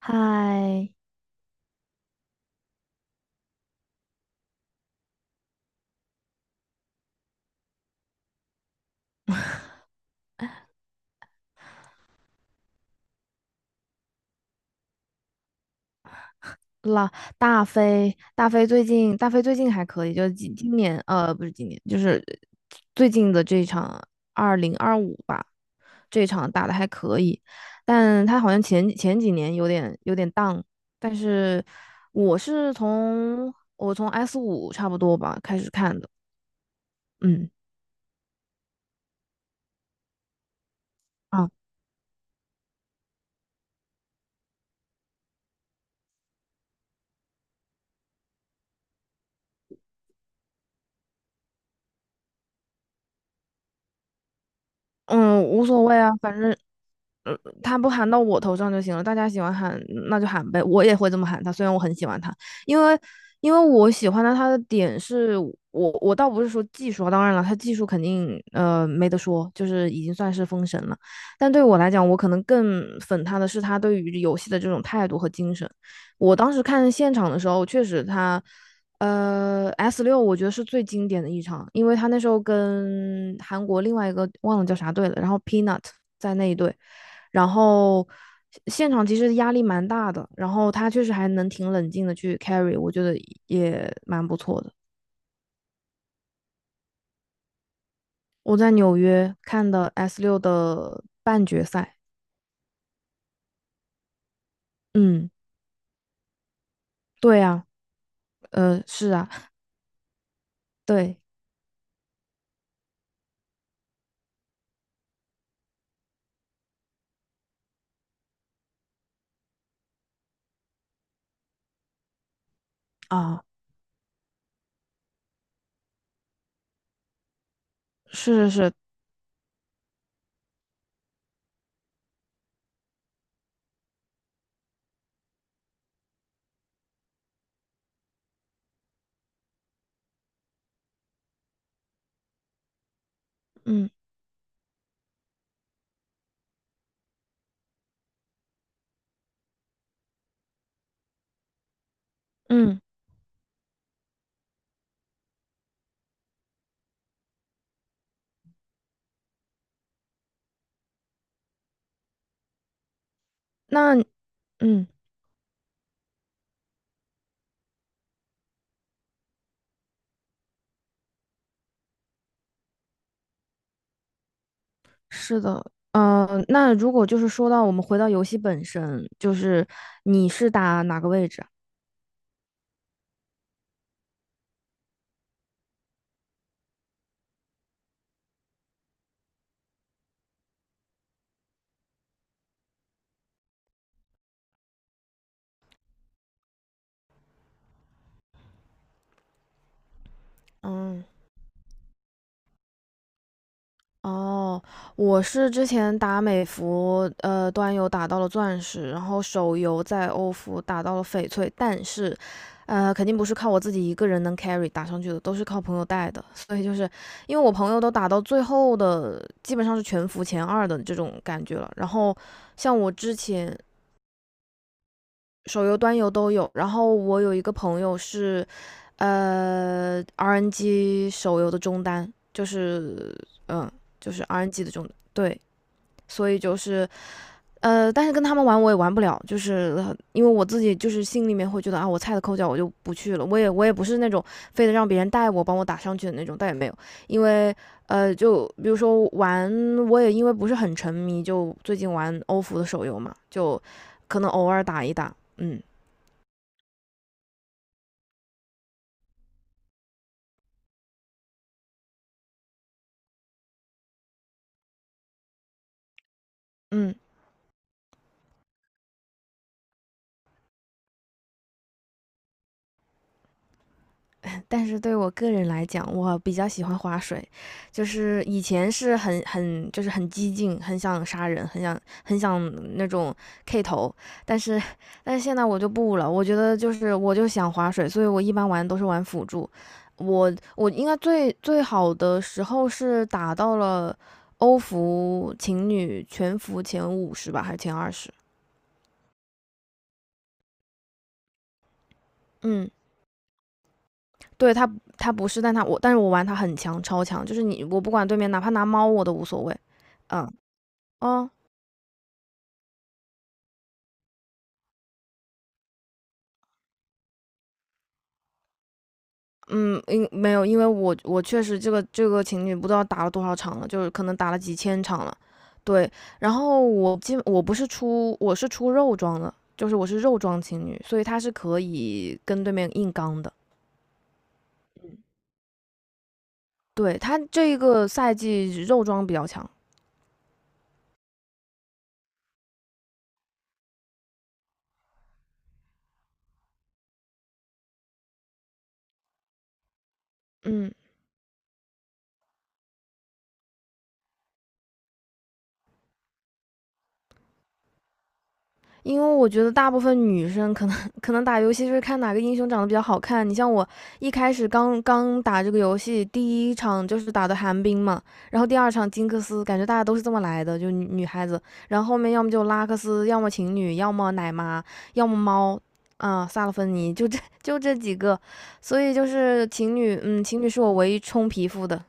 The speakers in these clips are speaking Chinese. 嗨，啦，大飞最近还可以，就是今年，不是今年，就是最近的这一场2025吧，这一场打的还可以，但他好像前几年有点 down，但是我从 S5差不多吧开始看的，嗯。啊。嗯，无所谓啊，反正，嗯，他不喊到我头上就行了。大家喜欢喊，那就喊呗。我也会这么喊他，虽然我很喜欢他，因为因为我喜欢他，他的点是我倒不是说技术啊当然了，他技术肯定没得说，就是已经算是封神了。但对我来讲，我可能更粉他的是他对于游戏的这种态度和精神。我当时看现场的时候，确实他。S 六我觉得是最经典的一场，因为他那时候跟韩国另外一个忘了叫啥队了，然后 Peanut 在那一队，然后现场其实压力蛮大的，然后他确实还能挺冷静的去 carry，我觉得也蛮不错的。我在纽约看的 S 六的半决赛，嗯，对啊，是啊，对啊，是是是，嗯嗯，那嗯。是的，嗯、那如果就是说到我们回到游戏本身，就是你是打哪个位置啊嗯，哦，我是之前打美服，端游打到了钻石，然后手游在欧服打到了翡翠，但是，肯定不是靠我自己一个人能 carry 打上去的，都是靠朋友带的，所以就是因为我朋友都打到最后的，基本上是全服前二的这种感觉了。然后像我之前，手游、端游都有。然后我有一个朋友是，RNG 手游的中单，就是嗯，就是 RNG 的中单对，所以就是但是跟他们玩我也玩不了，就是因为我自己就是心里面会觉得啊，我菜的抠脚我就不去了，我也不是那种非得让别人带我帮我打上去的那种，但也没有，因为就比如说玩，我也因为不是很沉迷，就最近玩欧服的手游嘛，就可能偶尔打一打，嗯嗯。但是对我个人来讲，我比较喜欢划水，就是以前是很就是很激进，很想杀人，很想那种 K 头，但是但是现在我就不了，我觉得就是我就想划水，所以我一般玩都是玩辅助，我应该最好的时候是打到了欧服情侣全服前50吧，还是前20？嗯，对他不是，但是我玩他很强，超强，就是我不管对面哪怕拿猫我都无所谓，嗯哦嗯，没有，因为我确实这个情侣不知道打了多少场了，就是可能打了几千场了，对，然后我基本不是出我是出肉装的，就是我是肉装情侣，所以他是可以跟对面硬刚的，对他这一个赛季肉装比较强，嗯。因为我觉得大部分女生可能打游戏就是看哪个英雄长得比较好看。你像我一开始刚刚打这个游戏，第一场就是打的寒冰嘛，然后第二场金克斯，感觉大家都是这么来的，就女孩子。然后后面要么就拉克斯，要么情侣，要么奶妈，要么猫，啊、萨勒芬妮，就这几个。所以就是情侣，嗯，情侣是我唯一充皮肤的，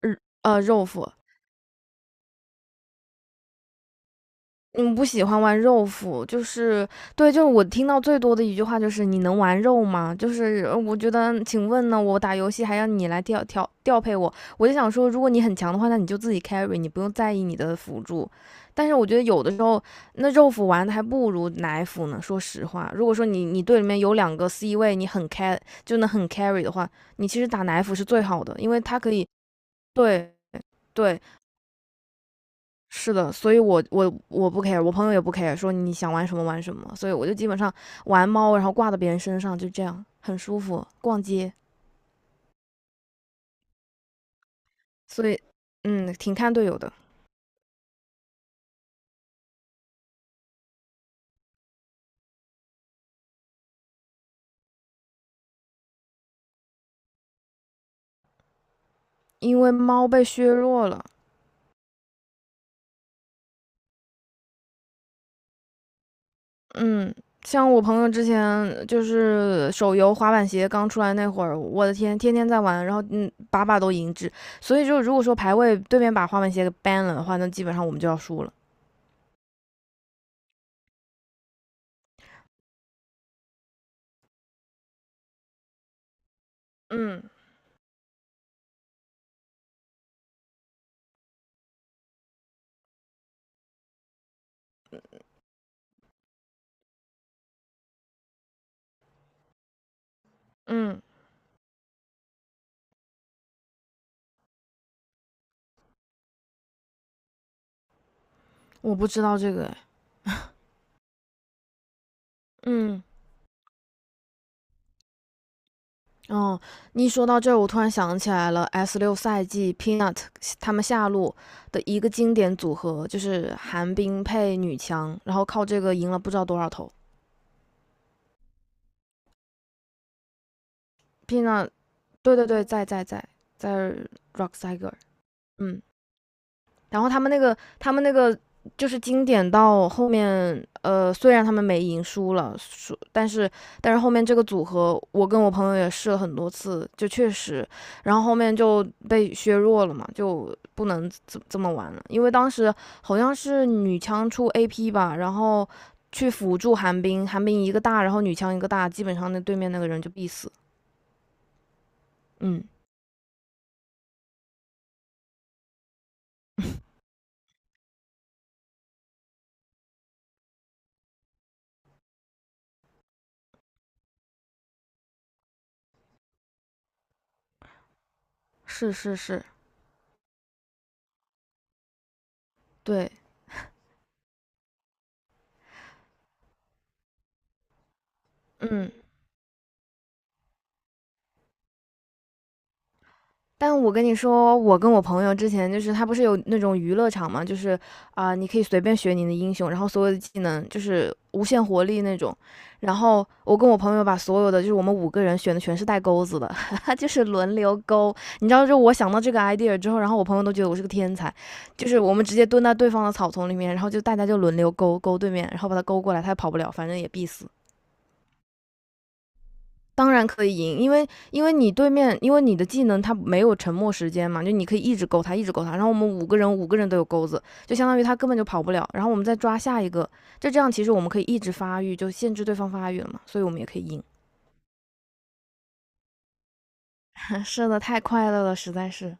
呃肉肤，嗯，不喜欢玩肉辅，就是对，就是我听到最多的一句话就是"你能玩肉吗？"就是我觉得，请问呢，我打游戏还要你来调配我，我就想说，如果你很强的话，那你就自己 carry，你不用在意你的辅助。但是我觉得有的时候，那肉辅玩的还不如奶辅呢。说实话，如果说你队里面有两个 C 位，你就能很 carry 的话，你其实打奶辅是最好的，因为它可以对对是的，所以我不 care，我朋友也不 care，说你想玩什么玩什么，所以我就基本上玩猫，然后挂到别人身上，就这样很舒服。逛街，所以挺看队友的，因为猫被削弱了。嗯，像我朋友之前就是手游滑板鞋刚出来那会儿，我的天，天天在玩，然后把把都赢制。所以就如果说排位对面把滑板鞋给 ban 了的话，那基本上我们就要输了。嗯嗯，我不知道这个，哎嗯。哦，你一说到这儿，我突然想起来了，S 六赛季 Peanut 他们下路的一个经典组合，就是寒冰配女强，然后靠这个赢了不知道多少头。Peanut，对对对，在 Rock Tiger，嗯。然后他们那个就是经典到后面，虽然他们没赢输了，但是后面这个组合，我跟我朋友也试了很多次，就确实，然后后面就被削弱了嘛，就不能这么玩了，因为当时好像是女枪出 AP 吧，然后去辅助寒冰，寒冰一个大，然后女枪一个大，基本上那对面那个人就必死。嗯，是是是，对，嗯。但我跟你说，我跟我朋友之前就是他不是有那种娱乐场嘛，就是啊、你可以随便选你的英雄，然后所有的技能就是无限活力那种。然后我跟我朋友把所有的就是我们五个人选的全是带钩子的，就是轮流钩。你知道，就我想到这个 idea 之后，然后我朋友都觉得我是个天才，就是我们直接蹲在对方的草丛里面，然后就大家就轮流钩钩对面，然后把他钩过来，他也跑不了，反正也必死。当然可以赢，因为你对面，因为你的技能它没有沉默时间嘛，就你可以一直勾他，一直勾他。然后我们五个人五个人都有钩子，就相当于他根本就跑不了。然后我们再抓下一个，就这样其实我们可以一直发育，就限制对方发育了嘛，所以我们也可以赢。是的，太快乐了，实在是。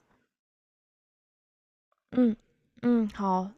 嗯嗯，好，